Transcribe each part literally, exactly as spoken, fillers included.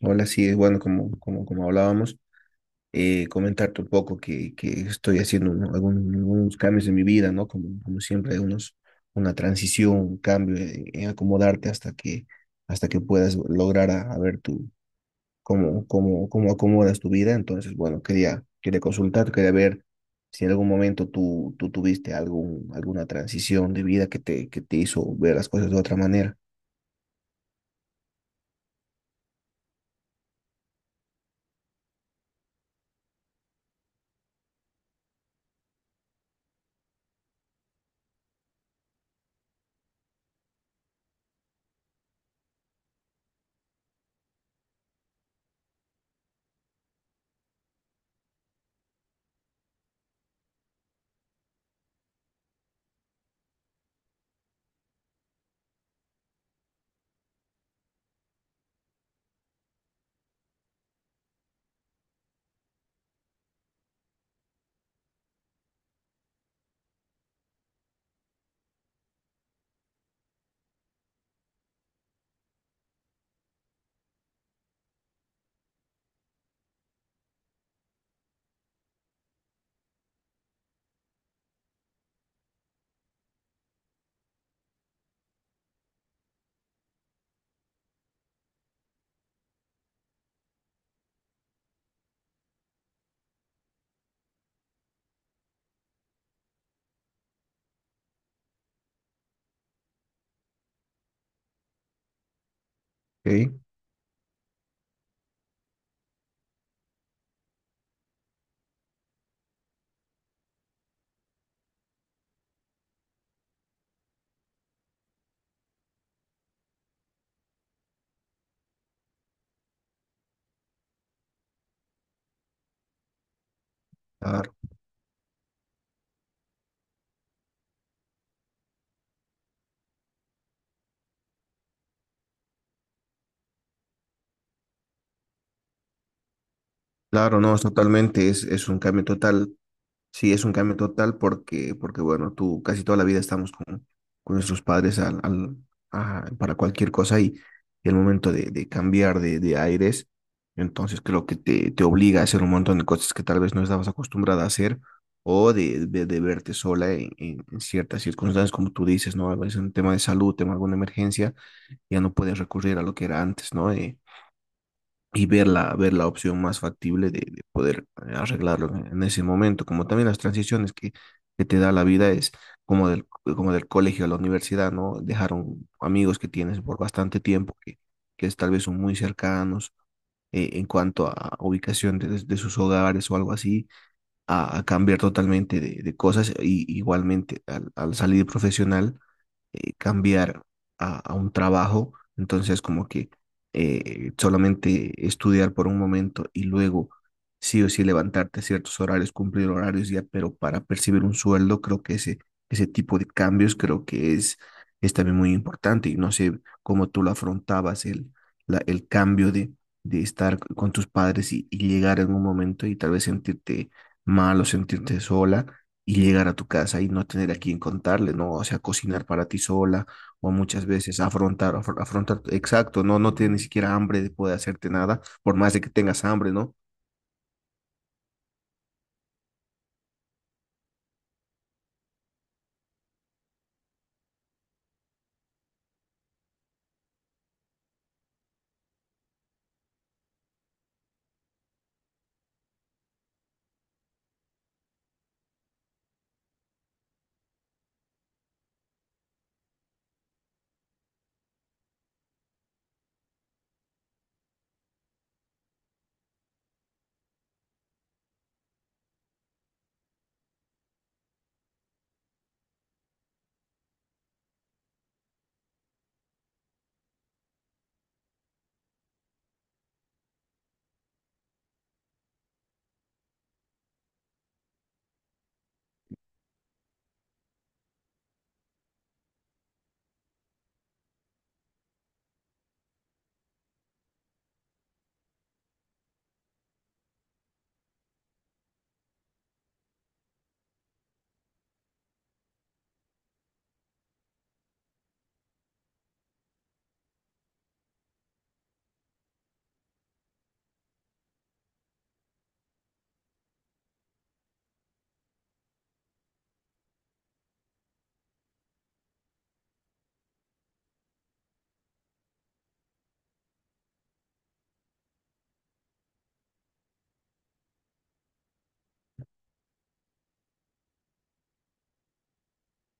Hola, sí, es bueno, como, como, como hablábamos, eh, comentarte un poco que, que estoy haciendo, ¿no? Algún- algunos cambios en mi vida, ¿no? Como, como siempre, unos, una transición, un cambio en, en acomodarte hasta que, hasta que puedas lograr a, a ver tú cómo, cómo, cómo acomodas tu vida. Entonces, bueno, quería, quería consultar, quería ver si en algún momento tú, tú tuviste algún, alguna transición de vida que te, que te hizo ver las cosas de otra manera. Sí, claro, claro, no, es totalmente, es, es un cambio total. Sí, es un cambio total porque, porque bueno, tú casi toda la vida estamos con, con nuestros padres al, al- a- para cualquier cosa, y, y el momento de, de cambiar de, de aires, entonces creo que te, te obliga a hacer un montón de cosas que tal vez no estabas acostumbrada a hacer o de, de, de verte sola en, en- en ciertas circunstancias, como tú dices, ¿no? A veces un tema de salud, tema de alguna emergencia, ya no puedes recurrir a lo que era antes, ¿no? Eh, y ver la, ver la opción más factible de, de poder, eh, arreglarlo en, en ese momento, como también las transiciones que, que te da la vida, es como del, como del colegio a la universidad, ¿no? Dejaron amigos que tienes por bastante tiempo, que, que es, tal vez son muy cercanos, eh, en cuanto a ubicación de, de sus hogares o algo así, a, a cambiar totalmente de, de cosas, y igualmente al, al salir profesional, eh, cambiar a, a un trabajo, entonces como que eh, solamente estudiar por un momento y luego sí o sí levantarte a ciertos horarios, cumplir horarios ya, pero para percibir un sueldo. Creo que ese, ese tipo de cambios creo que es, es también muy importante, y no sé cómo tú lo afrontabas, el, la- el cambio de, de estar con tus padres, y, y llegar en un momento y tal vez sentirte mal o sentirte sola y llegar a tu casa y no tener a quien contarle, ¿no? O sea, cocinar para ti sola, o muchas veces afrontar, afr- afrontar, exacto, no, no tienes ni siquiera hambre de poder hacerte nada, por más de que tengas hambre, ¿no?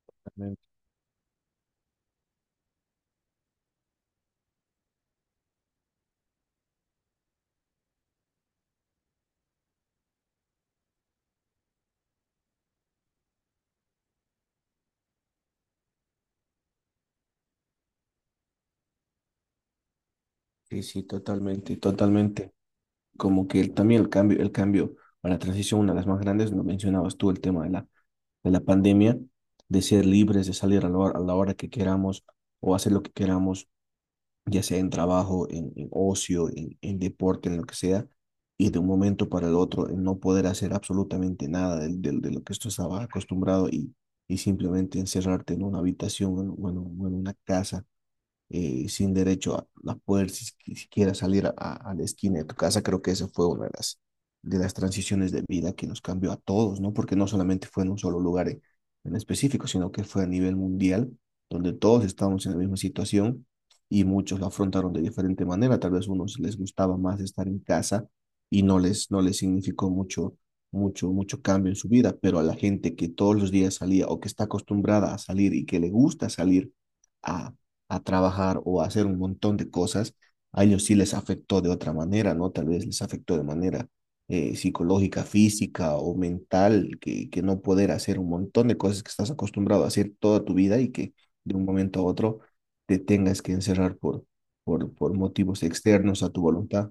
Totalmente. Sí, sí, totalmente, totalmente. Como que el- también el cambio, el cambio a la transición, una de las más grandes, lo mencionabas tú, el tema de la, de la pandemia, de ser libres, de salir a la hora, a la hora que queramos o hacer lo que queramos, ya sea en trabajo, en, en ocio, en, en deporte, en lo que sea, y de un momento para el otro en no poder hacer absolutamente nada de, de- de lo que tú estabas acostumbrado, y, y simplemente encerrarte en una habitación o en, o en un- o en una casa, eh, sin derecho a, a poder si- si- siquiera salir a, a- la esquina de tu casa. Creo que esa fue una de las, de las transiciones de vida que nos cambió a todos, ¿no? Porque no solamente fue en un solo lugar en, en específico, sino que fue a nivel mundial, donde todos estábamos en la misma situación y muchos la afrontaron de diferente manera. Tal vez a unos les gustaba más estar en casa y no les, no les significó mucho. Mucho, mucho cambio en su vida, pero a la gente que todos los días salía o que está acostumbrada a salir y que le gusta salir, a, a trabajar o a hacer un montón de cosas, a ellos sí les afectó de otra manera, ¿no? Tal vez les afectó de manera eh, psicológica, física o mental, que, que no poder hacer un montón de cosas que estás acostumbrado a hacer toda tu vida y que de un momento a otro te tengas que encerrar por, por, por motivos externos a tu voluntad.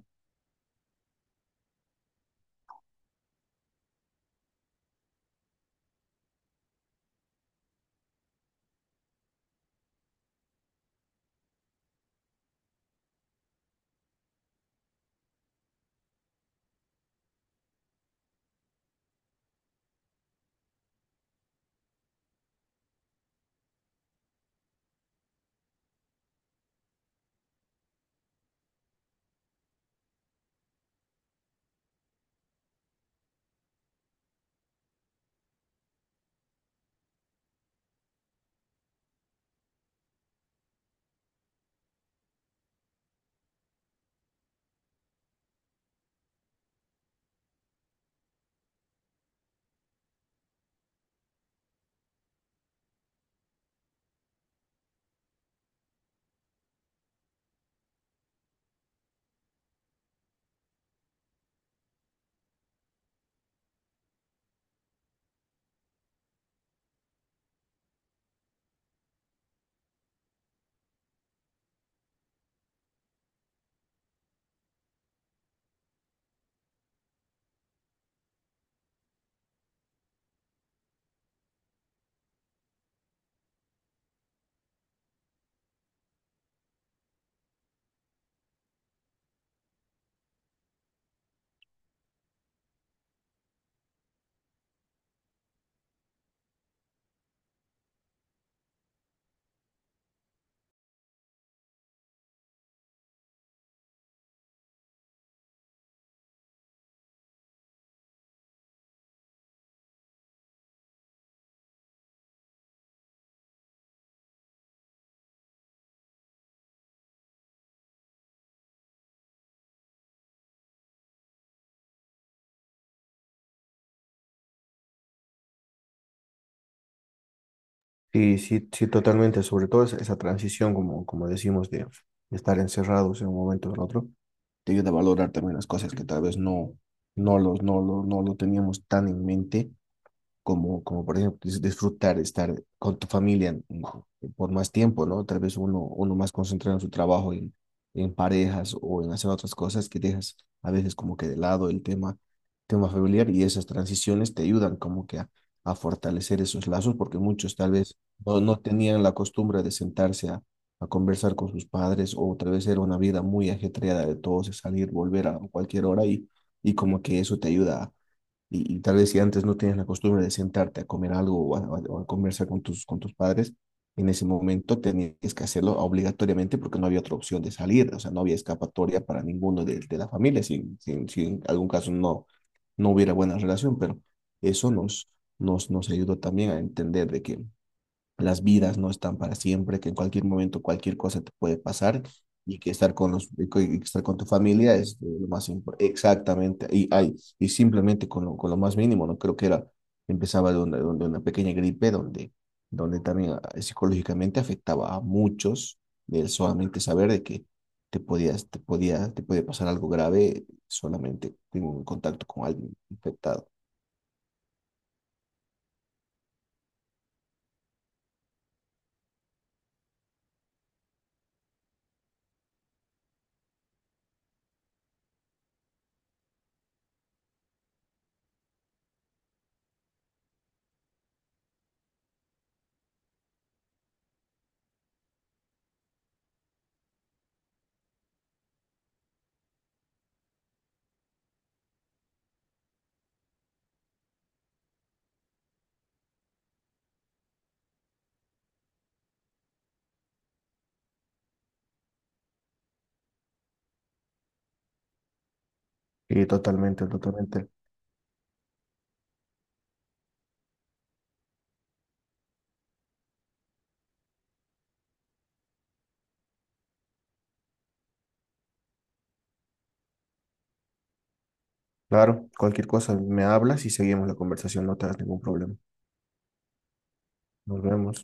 Sí, sí, sí, totalmente, sobre todo esa, esa transición, como, como decimos, de, de estar encerrados en un momento al otro, te ayuda a valorar también las cosas que tal vez no, no los, no lo, no lo teníamos tan en mente, como, como por ejemplo dis- disfrutar, estar con tu familia, mm, por más tiempo, ¿no? Tal vez uno, uno más concentrado en su trabajo, en, en parejas o en hacer otras cosas que dejas a veces como que de lado el tema, tema familiar, y esas transiciones te ayudan como que a, a fortalecer esos lazos porque muchos tal vez no, no tenían la costumbre de sentarse a, a conversar con sus padres, o tal vez era una vida muy ajetreada de todos, de salir, volver a cualquier hora, y, y como que eso te ayuda a, y, y tal vez si antes no tenías la costumbre de sentarte a comer algo o a, o a conversar con tus, con tus padres, en ese momento tenías que hacerlo obligatoriamente porque no había otra opción de salir, o sea, no había escapatoria para ninguno de, de la familia, si, si, si en algún caso no, no hubiera buena relación, pero eso nos, nos, nos ayudó también a entender de que las vidas no están para siempre, que en cualquier momento cualquier cosa te puede pasar. Y que estar con los, y que estar con tu familia es, eh, lo más importante. Exactamente, y, ay, y simplemente con lo, con lo más mínimo, ¿no? Creo que era, empezaba de una, de una de una pequeña gripe donde, donde también, ah, psicológicamente afectaba a muchos el solamente saber de que te podías, te podía, te puede pasar algo grave solamente en un contacto con alguien infectado. Y totalmente, totalmente. Claro, cualquier cosa me hablas y seguimos la conversación, no te hagas ningún problema. Nos vemos.